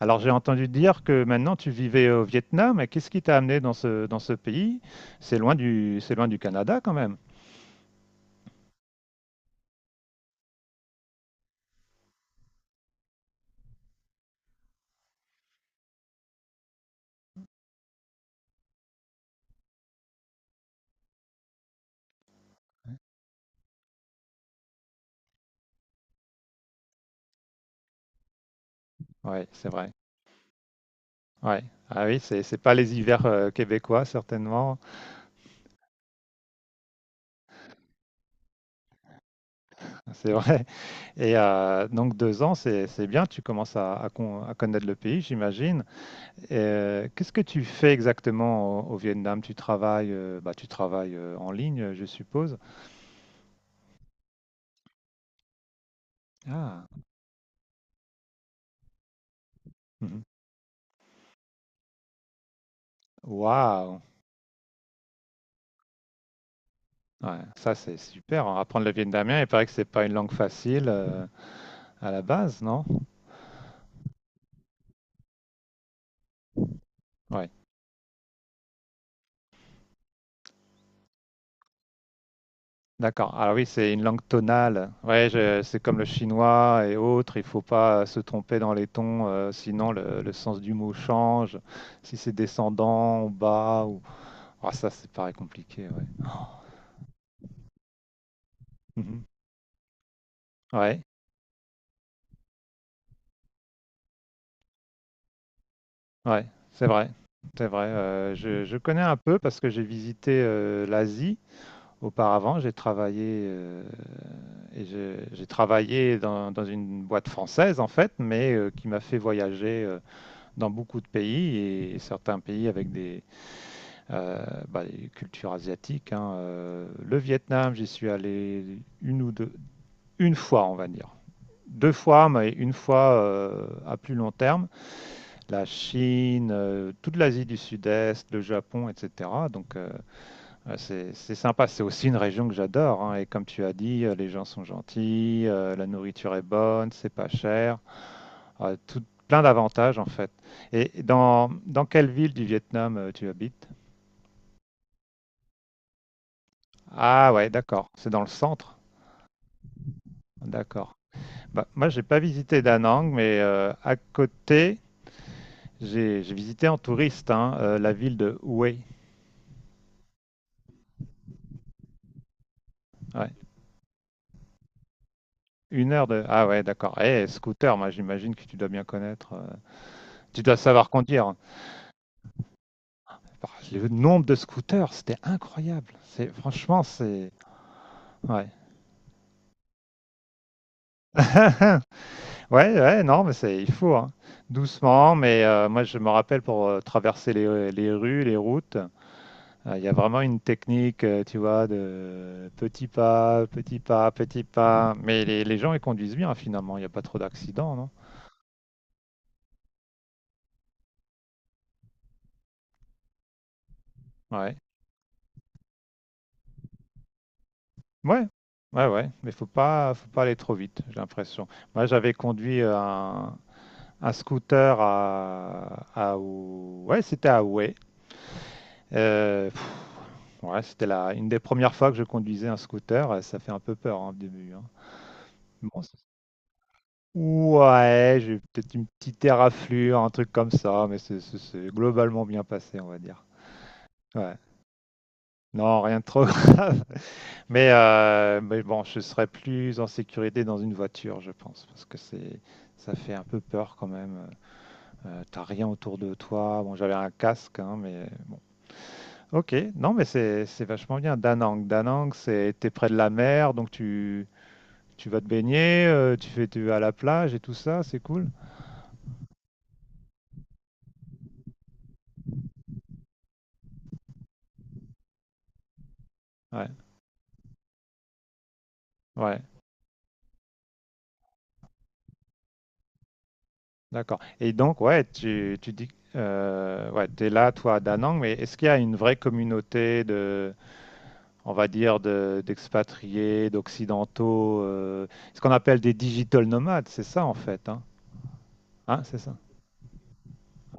Alors j'ai entendu dire que maintenant tu vivais au Vietnam, mais qu'est-ce qui t'a amené dans ce pays? C'est loin du Canada quand même. Oui, c'est vrai. Ouais. Ah oui, c'est pas les hivers québécois certainement, c'est vrai. Et donc 2 ans, c'est bien, tu commences à connaître le pays, j'imagine. Et, qu'est-ce que tu fais exactement au Vietnam? Tu travailles, tu travailles en ligne, je suppose. Ah. Mhm. Waouh! Ouais, ça c'est super, hein. Apprendre le vietnamien, il paraît que c'est pas une langue facile à la base, non? Ouais. D'accord. Alors oui, c'est une langue tonale. Ouais, c'est comme le chinois et autres. Il faut pas se tromper dans les tons, sinon le sens du mot change. Si c'est descendant, ou bas ou ah ça, c'est pareil compliqué. Ouais. Mhm. Ouais, ouais, c'est vrai, c'est vrai. Je connais un peu parce que j'ai visité l'Asie. Auparavant, j'ai j'ai travaillé dans une boîte française en fait, mais qui m'a fait voyager dans beaucoup de pays et certains pays avec des cultures asiatiques, hein. Le Vietnam, j'y suis allé une ou deux, une fois, on va dire. Deux fois, mais une fois à plus long terme. La Chine, toute l'Asie du Sud-Est, le Japon, etc. Donc, ouais, c'est sympa, c'est aussi une région que j'adore, hein. Et comme tu as dit, les gens sont gentils, la nourriture est bonne, c'est pas cher, euh, tout, plein d'avantages en fait. Et dans quelle ville du Vietnam tu habites? Ah ouais, d'accord, c'est dans le centre. D'accord. Bah, moi, j'ai pas visité Da Nang, mais à côté, j'ai visité en touriste hein, la ville de Hue. Ouais. Une heure de... Ah ouais, d'accord. Eh, scooter, moi j'imagine que tu dois bien connaître. Tu dois savoir conduire. Bah, le nombre de scooters, c'était incroyable. C'est franchement, c'est ouais. ouais, ouais, non, mais c'est il faut hein, doucement. Mais moi, je me rappelle pour traverser les rues, les routes, il y a vraiment une technique, tu vois, de petit pas, petit pas, petit pas. Mais les gens ils conduisent bien finalement. Il n'y a pas trop d'accidents, non? Ouais, ouais, ouais, ouais. Mais faut pas aller trop vite, j'ai l'impression. Moi, j'avais conduit un scooter c'était à Ouai. Euh, pff, ouais, une des premières fois que je conduisais un scooter. Ça fait un peu peur hein, au début, hein. Bon, c'est- ouais, j'ai eu peut-être une petite éraflure, un truc comme ça, mais c'est globalement bien passé, on va dire. Ouais. Non, rien de trop grave. Mais bon, je serais plus en sécurité dans une voiture, je pense, parce que ça fait un peu peur quand même. T'as rien autour de toi. Bon, j'avais un casque, hein, mais ok, non mais c'est vachement bien. Danang, Danang, c'est t'es près de la mer, donc tu vas te baigner, euh, tu vas à la plage et tout ça, c'est cool. Ouais, ouais, d'accord. Et donc ouais, tu dis ouais, t'es là toi à Danang, mais est-ce qu'il y a une vraie communauté de on va dire de d'expatriés, d'occidentaux, ce qu'on appelle des digital nomades, c'est ça en fait, hein? Hein, c'est ça.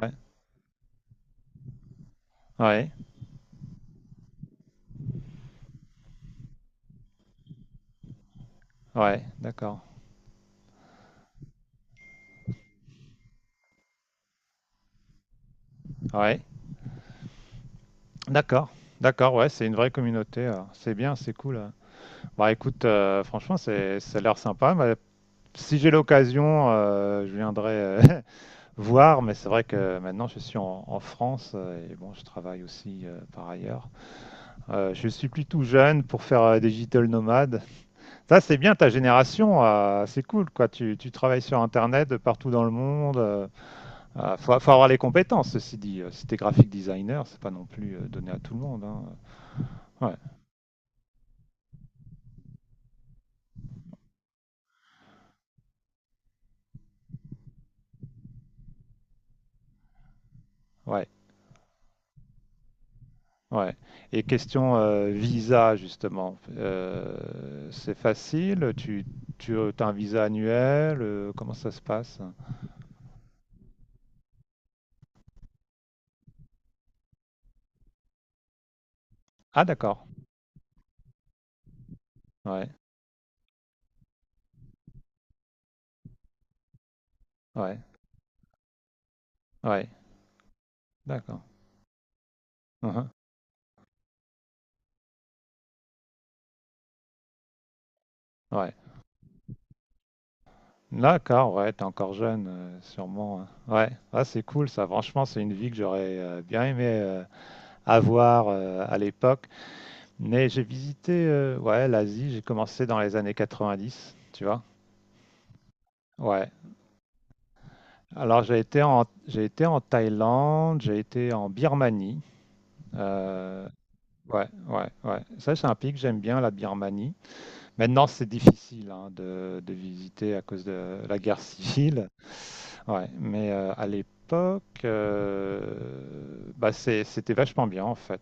Ouais, ouais, ouais, d'accord. Ouais. D'accord, d'accord, ouais, c'est une vraie communauté. C'est bien, c'est cool, euh. Bah écoute, franchement, ça a l'air sympa. Bah, si j'ai l'occasion, je viendrai voir, mais c'est vrai que maintenant je suis en France et bon, je travaille aussi par ailleurs. Je suis plus tout jeune pour faire digital nomade. Ça, c'est bien ta génération, c'est cool quoi. Tu travailles sur Internet de partout dans le monde. Euh, faut avoir les compétences, ceci dit. Si t'es graphic designer, c'est pas non plus donné à tout le monde, hein. Ouais. Ouais, ouais. Et question visa, justement. C'est facile? Tu as un visa annuel? Comment ça se passe? Ah, d'accord. Ouais, ouais, ouais. D'accord. Uhum. Ouais. D'accord, ouais, t'es encore jeune, sûrement, hein. Ouais, ah, c'est cool ça. Franchement, c'est une vie que j'aurais bien aimé avoir à l'époque. Mais j'ai visité ouais, l'Asie, j'ai commencé dans les années 90, tu vois. Ouais, alors, j'ai été en Thaïlande, j'ai été en Birmanie. Euh, ouais, ouais, ouais. Ça, c'est un pays que j'aime bien, la Birmanie. Maintenant, c'est difficile hein, de visiter à cause de la guerre civile. Ouais, mais à l'époque, c'était vachement bien en fait.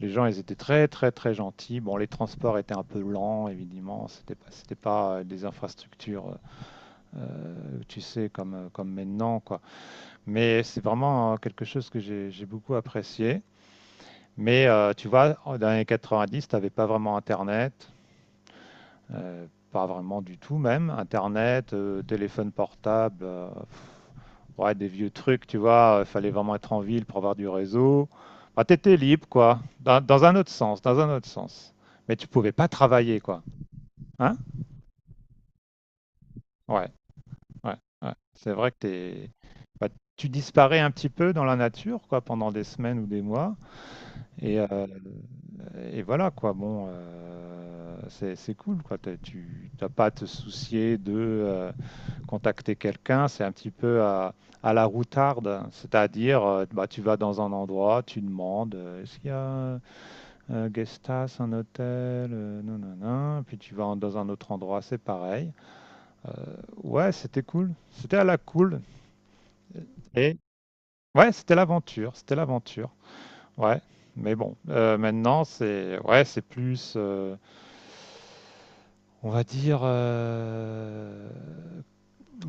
Les gens, ils étaient très, très, très gentils. Bon, les transports étaient un peu lents, évidemment. C'était pas des infrastructures, tu sais, comme maintenant, quoi. Mais c'est vraiment quelque chose que j'ai beaucoup apprécié. Mais tu vois, dans les années 90, tu n'avais pas vraiment Internet, euh, pas vraiment du tout même. Internet, téléphone portable, ouais, des vieux trucs, tu vois, il fallait vraiment être en ville pour avoir du réseau. Bah, tu étais libre, quoi, dans un autre sens, dans un autre sens. Mais tu pouvais pas travailler, quoi. Hein? Ouais, ouais, ouais. C'est vrai que t'es... bah, tu disparais un petit peu dans la nature, quoi, pendant des semaines ou des mois. Et, euh, et voilà quoi, bon, euh, c'est cool quoi. Tu n'as pas à te soucier de contacter quelqu'un, c'est un petit peu à la routarde, hein. C'est-à-dire bah, tu vas dans un endroit, tu demandes est-ce qu'il y a un guest house, un hôtel, non, non, non, puis tu vas dans un autre endroit, c'est pareil. Ouais, c'était cool, c'était à la cool. Et ouais, c'était l'aventure, c'était l'aventure. Ouais, mais bon, maintenant c'est ouais, c'est plus on va dire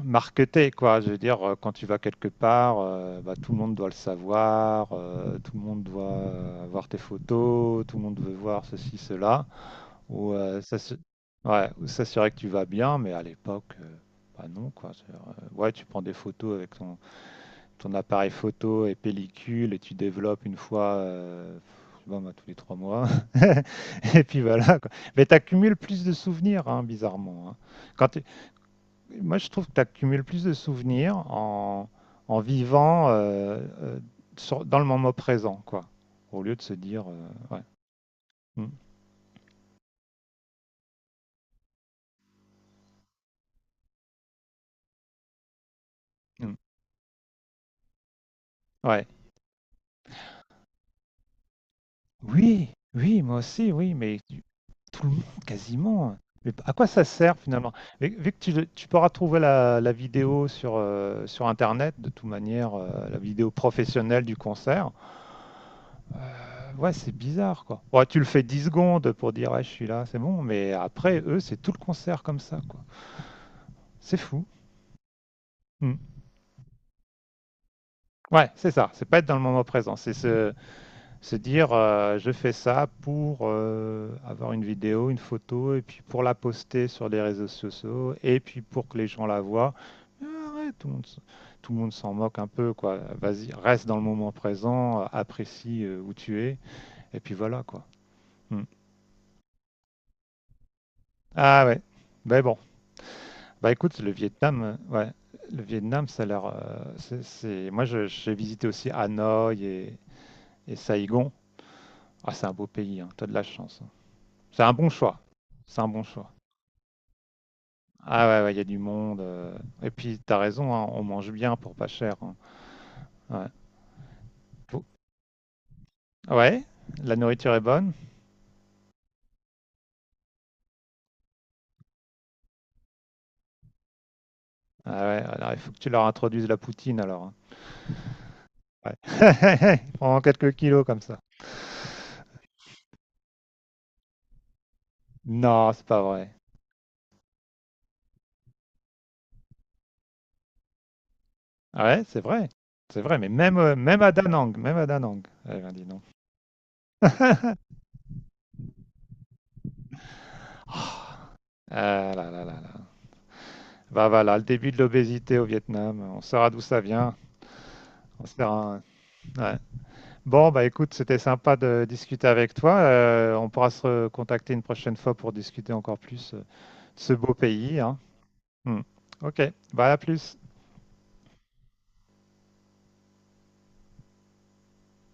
marketé quoi. Je veux dire quand tu vas quelque part, bah, tout le monde doit le savoir, tout le monde doit voir tes photos, tout le monde veut voir ceci cela ou euh, s'assu- ouais, ou s'assurer que tu vas bien, mais à l'époque bah non quoi. C'est-à-dire, ouais, tu prends des photos avec ton appareil photo et pellicule et tu développes une fois bon, bah, tous les 3 mois. Et puis voilà, quoi. Mais tu accumules plus de souvenirs, hein, bizarrement, hein. Quand t'es- Moi, je trouve que tu accumules plus de souvenirs en vivant dans le moment présent, quoi. Au lieu de se dire, ouais. Mm, mm. Ouais. Oui, oui, moi aussi, oui, mais tout le monde, quasiment. Mais à quoi ça sert finalement? Vu que tu pourras trouver la vidéo sur, sur Internet, de toute manière, la vidéo professionnelle du concert, euh, ouais, c'est bizarre quoi. Ouais, tu le fais 10 secondes pour dire, ouais, je suis là, c'est bon, mais après, eux, c'est tout le concert comme ça, quoi. C'est fou. Mm. Ouais, c'est ça, c'est pas être dans le moment présent, c'est se se dire, je fais ça pour avoir une vidéo, une photo, et puis pour la poster sur les réseaux sociaux, et puis pour que les gens la voient. Mais arrête, tout le monde s'en moque un peu, quoi. Vas-y, reste dans le moment présent, apprécie où tu es, et puis voilà, quoi. Hmm. Ah ouais. Ben bon. Bah écoute, le Vietnam, ouais, le Vietnam, ça a l'air. Moi, j'ai visité aussi Hanoï et Saigon. Ah, c'est un beau pays, hein. T'as de la chance, hein. C'est un bon choix. C'est un bon choix. Ah ouais, ouais, il y a du monde, euh. Et puis, t'as raison, hein, on mange bien pour pas cher, hein. Ouais. Faut- Ouais, la nourriture est bonne. Ah ouais, alors il faut que tu leur introduises la poutine alors, hein. Ouais. Prends quelques kilos comme ça. Non, c'est pas vrai. Ah ouais, c'est vrai. C'est vrai, mais même, même à Danang, même à Danang. Eh ben, dis donc. Ah ah là là là là. Bah voilà, le début de l'obésité au Vietnam. On saura d'où ça vient. On sera un... ouais. Bon, bah écoute, c'était sympa de discuter avec toi. On pourra se contacter une prochaine fois pour discuter encore plus de ce beau pays, hein. Hmm. Ok, bah à plus.